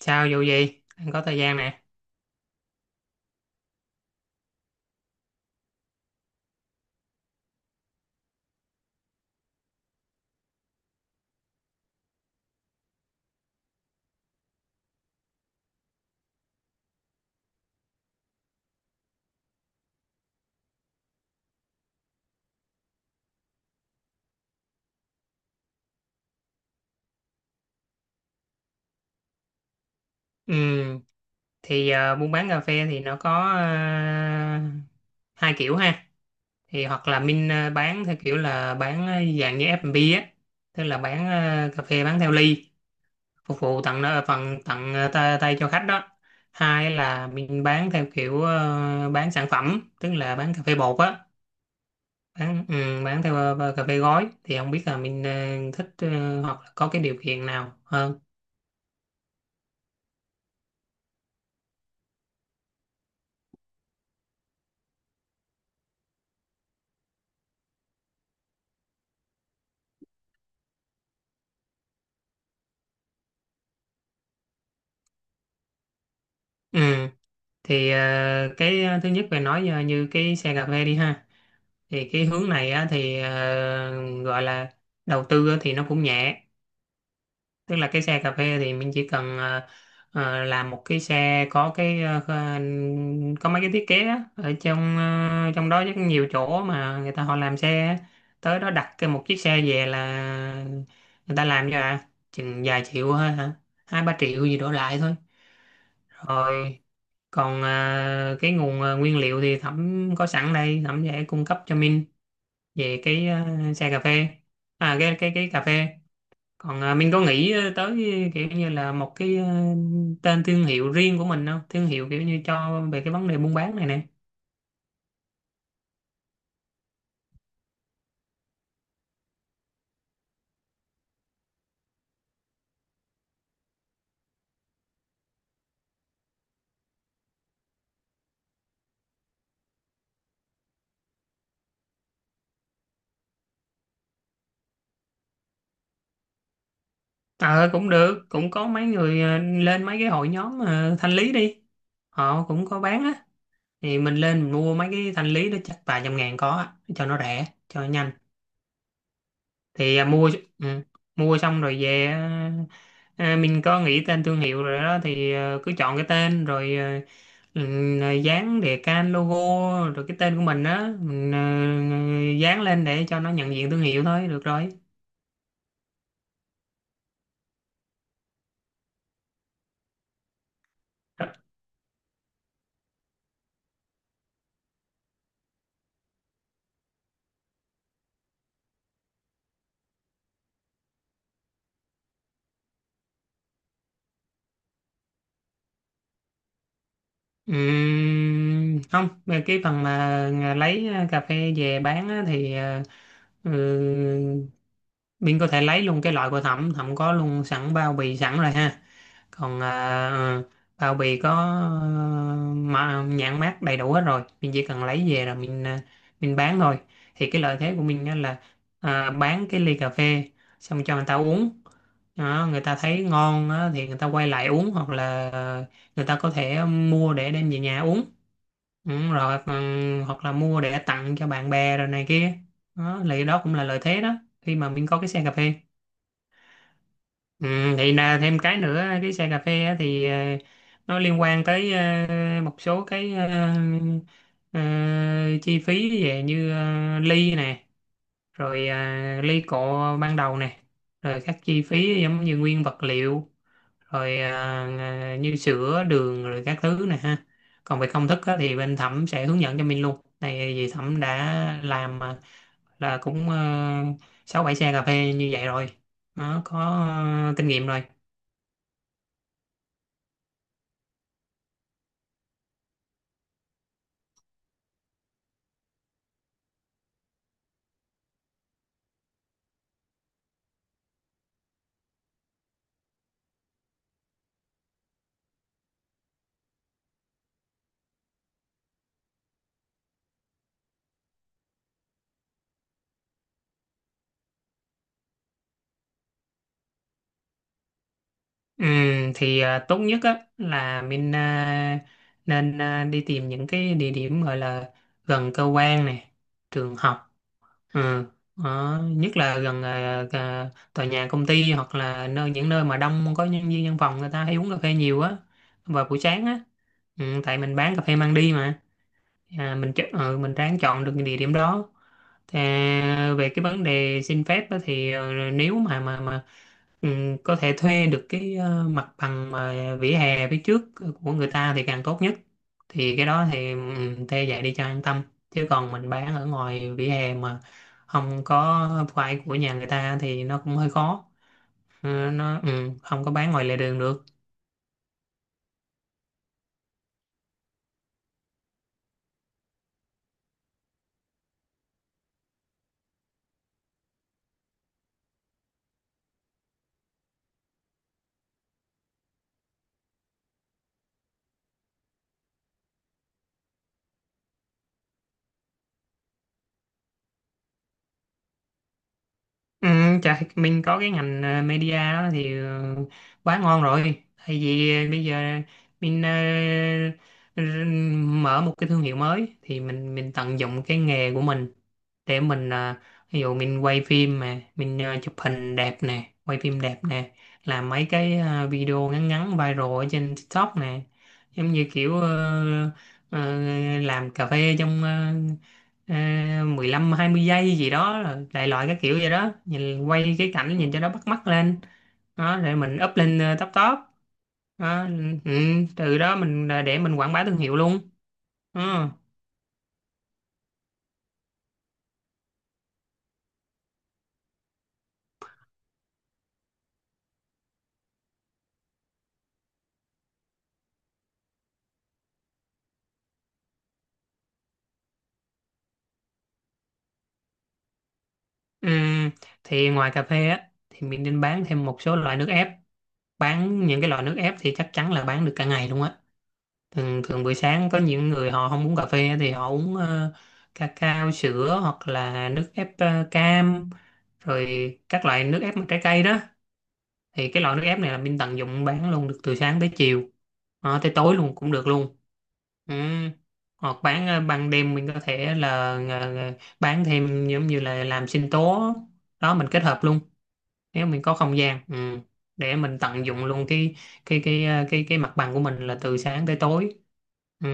Sao vụ gì? Anh có thời gian nè. Ừ, thì buôn bán cà phê thì nó có hai kiểu ha. Thì hoặc là mình bán theo kiểu là bán dạng như F&B á, tức là bán cà phê bán theo ly, phục vụ tặng nó phần tặng tay cho khách đó. Hai là mình bán theo kiểu bán sản phẩm, tức là bán cà phê bột á, bán theo cà phê gói. Thì không biết là mình thích hoặc là có cái điều kiện nào hơn. Ừ. Thì cái thứ nhất về nói như cái xe cà phê đi ha, thì cái hướng này á, thì gọi là đầu tư á, thì nó cũng nhẹ, tức là cái xe cà phê thì mình chỉ cần làm một cái xe có cái có mấy cái thiết kế á, ở trong đó rất nhiều chỗ mà người ta họ làm xe á. Tới đó đặt cái một chiếc xe về là người ta làm cho chừng vài triệu thôi hả? Hai ba triệu gì đổ lại thôi. Rồi còn cái nguồn nguyên liệu thì Thẩm có sẵn đây, Thẩm sẽ cung cấp cho Minh về cái xe cà phê, cái cà phê. Còn Minh có nghĩ tới kiểu như là một cái tên thương hiệu riêng của mình không, thương hiệu kiểu như cho về cái vấn đề buôn bán này nè? Ờ Cũng được, cũng có mấy người lên mấy cái hội nhóm thanh lý đi, họ cũng có bán á. Thì mình lên mình mua mấy cái thanh lý đó chắc vài trăm ngàn có á, cho nó rẻ cho nó nhanh. Thì ừ, mua xong rồi về, mình có nghĩ tên thương hiệu rồi đó thì cứ chọn cái tên rồi, ừ, dán đề can logo rồi cái tên của mình á, mình dán lên để cho nó nhận diện thương hiệu thôi được rồi. Không, về cái phần mà lấy cà phê về bán á, thì ừ, mình có thể lấy luôn cái loại của thẩm thẩm có luôn sẵn bao bì sẵn rồi ha. Còn bao bì có ờ, mà nhãn mác đầy đủ hết rồi, mình chỉ cần lấy về rồi mình bán thôi. Thì cái lợi thế của mình á là bán cái ly cà phê xong cho người ta uống đó, người ta thấy ngon á thì người ta quay lại uống, hoặc là người ta có thể mua để đem về nhà uống. Rồi hoặc là mua để tặng cho bạn bè rồi này kia đó, thì đó cũng là lợi thế đó khi mà mình có cái xe cà phê. Ừ, thì là thêm cái nữa, cái xe cà phê á, thì nó liên quan tới một số cái ờ, chi phí về như ly nè, rồi ly cọ ban đầu nè, rồi các chi phí giống như nguyên vật liệu, rồi như sữa đường rồi các thứ này ha. Còn về công thức á thì bên Thẩm sẽ hướng dẫn cho mình luôn này, vì Thẩm đã làm là cũng sáu bảy xe cà phê như vậy rồi, nó có kinh nghiệm rồi. Ừ, thì tốt nhất á là mình nên đi tìm những cái địa điểm gọi là gần cơ quan này, trường học. Ừ. Đó. Nhất là gần tòa nhà công ty, hoặc là nơi những nơi mà đông có nhân viên văn phòng, người ta hay uống cà phê nhiều á, vào buổi sáng á, ừ, tại mình bán cà phê mang đi mà. Mình mình ráng chọn được địa điểm đó. Về cái vấn đề xin phép á, thì nếu mà mà Ừ, có thể thuê được cái mặt bằng mà vỉa hè phía trước của người ta thì càng tốt nhất. Thì cái đó thì ừ, thuê vậy đi cho an tâm, chứ còn mình bán ở ngoài vỉa hè mà không có phải của nhà người ta thì nó cũng hơi khó. Ừ, nó ừ, không có bán ngoài lề đường được. Ừ, chà, mình có cái ngành media đó thì quá ngon rồi. Tại vì bây giờ mình r- mở một cái thương hiệu mới thì mình tận dụng cái nghề của mình, để mình ví dụ mình quay phim mà mình chụp hình đẹp nè, quay phim đẹp nè, làm mấy cái video ngắn ngắn viral ở trên TikTok nè, giống như kiểu ờ, làm cà phê trong 15 20 giây gì đó, rồi đại loại cái kiểu vậy đó, nhìn quay cái cảnh nhìn cho nó bắt mắt lên. Đó, để mình up lên top top. Đó, ừ, từ đó mình để mình quảng bá thương hiệu luôn. Ờ, ừ, thì ngoài cà phê á thì mình nên bán thêm một số loại nước ép. Bán những cái loại nước ép thì chắc chắn là bán được cả ngày luôn á. Thường thường buổi sáng có những người họ không uống cà phê thì họ uống cacao sữa, hoặc là nước ép cam, rồi các loại nước ép mà trái cây đó, thì cái loại nước ép này là bên tận dụng bán luôn được từ sáng tới chiều. Ờ, tới tối luôn cũng được luôn. Ừ, hoặc bán ban đêm mình có thể là ờ, ờ, bán thêm giống như là làm sinh tố, đó mình kết hợp luôn, nếu mình có không gian. Ừ, để mình tận dụng luôn cái ờ, cái mặt bằng của mình là từ sáng tới tối. Ừ.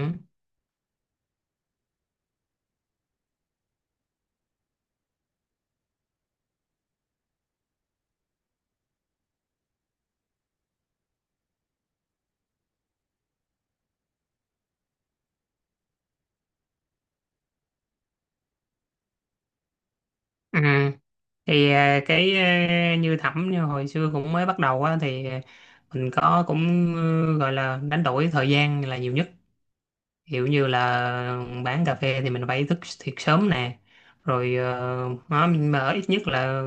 À, thì cái như Thẩm, như hồi xưa cũng mới bắt đầu á thì mình có cũng gọi là đánh đổi thời gian là nhiều nhất. Kiểu như là bán cà phê thì mình phải thức thiệt sớm nè, rồi nó mình mở ít nhất là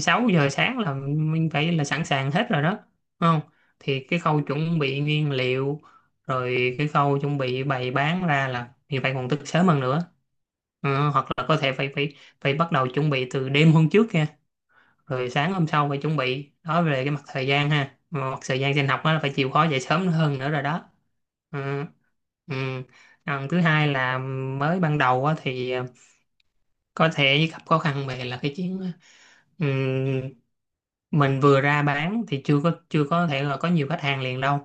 6 giờ sáng là mình phải là sẵn sàng hết rồi đó, đúng không? Thì cái khâu chuẩn bị nguyên liệu, rồi cái khâu chuẩn bị bày bán ra là mình phải còn thức sớm hơn nữa. Ờ, hoặc là có thể phải phải phải bắt đầu chuẩn bị từ đêm hôm trước kìa, rồi sáng hôm sau phải chuẩn bị đó, về cái mặt thời gian ha, mà mặt thời gian trên học á là phải chịu khó dậy sớm hơn nữa rồi đó. Ừ. Ừ. Còn thứ hai là mới ban đầu á, thì có thể gặp khó khăn về là cái chuyện ừ, mình vừa ra bán thì chưa có thể là có nhiều khách hàng liền đâu.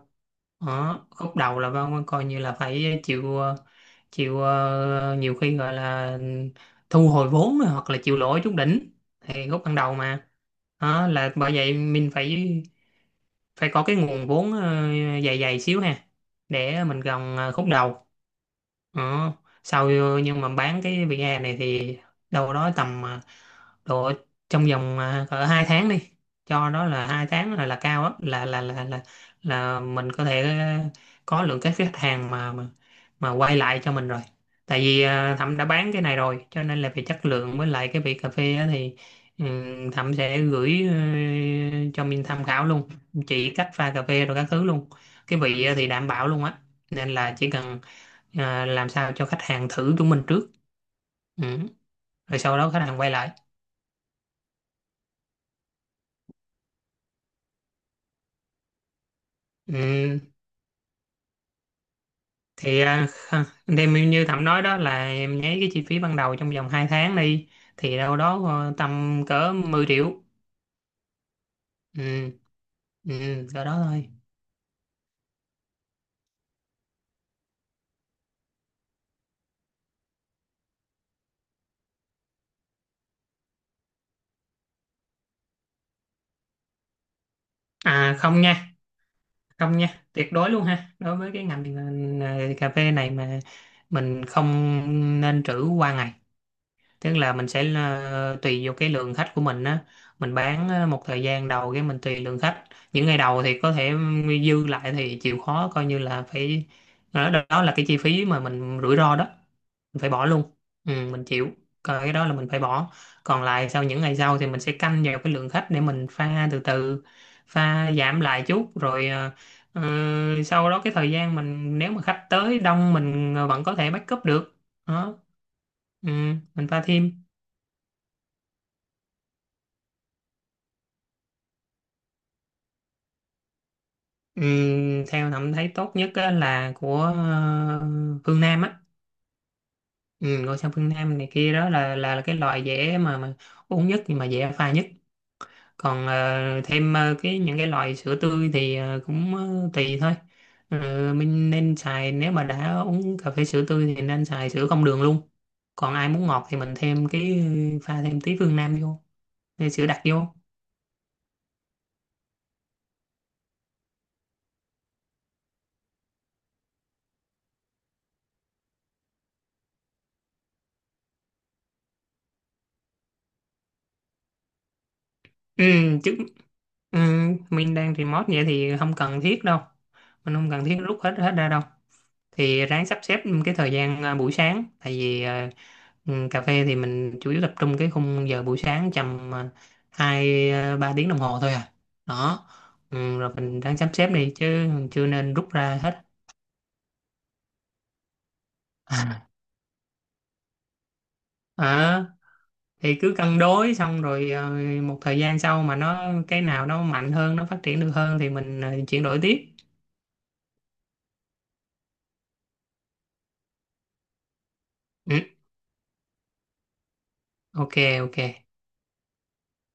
Đó khúc đầu là Văn coi như là phải chịu nhiều khi gọi là thu hồi vốn hoặc là chịu lỗ trúng đỉnh thì khúc ban đầu mà. Đó là bởi vậy mình phải phải có cái nguồn vốn dày dày xíu ha, để mình gồng khúc đầu. Ờ, sau nhưng mà bán cái VR này thì đâu đó tầm độ trong vòng cỡ 2 tháng đi. Cho đó là 2 tháng là cao á, là là mình có thể có lượng các khách hàng mà quay lại cho mình rồi, tại vì Thẩm đã bán cái này rồi, cho nên là về chất lượng với lại cái vị cà phê á thì ừ, Thẩm sẽ gửi cho Minh tham khảo luôn, chỉ cách pha cà phê rồi các thứ luôn. Cái vị thì đảm bảo luôn á, nên là chỉ cần làm sao cho khách hàng thử chúng mình trước. Ừ. Rồi sau đó khách hàng quay lại. Ừ. Thì đem như Thẩm nói đó là em nháy cái chi phí ban đầu trong vòng 2 tháng đi, thì đâu đó tầm cỡ 10 triệu. Ừ. Ừ. Cỡ đó thôi. Không nha, không nha, tuyệt đối luôn ha. Đối với cái ngành cà phê này mà, mình không nên trữ qua ngày. Tức là mình sẽ tùy vô cái lượng khách của mình á, mình bán một thời gian đầu, cái mình tùy lượng khách, những ngày đầu thì có thể dư lại thì chịu khó coi như là phải, đó, đó là cái chi phí mà mình rủi ro đó, mình phải bỏ luôn. Ừ, mình chịu, coi cái đó là mình phải bỏ. Còn lại sau những ngày sau thì mình sẽ canh vào cái lượng khách để mình pha từ từ, pha giảm lại chút rồi, ờ, sau đó cái thời gian mình nếu mà khách tới đông mình vẫn có thể backup được. Đó, ừ, mình pha thêm. Theo thẩm thấy tốt nhất á là của Phương Nam á. Ừ, ngôi sao Phương Nam này kia, đó là cái loại dễ mà uống nhất, nhưng mà dễ pha nhất. Còn thêm cái những cái loại sữa tươi thì cũng tùy thôi. Ờ, mình nên xài, nếu mà đã uống cà phê sữa tươi thì nên xài sữa không đường luôn. Còn ai muốn ngọt thì mình thêm cái pha thêm tí Phương Nam vô, thêm sữa đặc vô. Ừ, chứ ừ, mình đang remote vậy thì không cần thiết đâu, mình không cần thiết rút hết hết ra đâu. Thì ráng sắp xếp cái thời gian buổi sáng, tại vì cà phê thì mình chủ yếu tập trung cái khung giờ buổi sáng tầm hai ba tiếng đồng hồ thôi à. Đó, ừ, rồi mình ráng sắp xếp đi chứ chưa nên rút ra hết. Ờ, thì cứ cân đối xong rồi một thời gian sau mà nó cái nào nó mạnh hơn nó phát triển được hơn thì mình chuyển đổi tiếp. Ừ. Ok ok.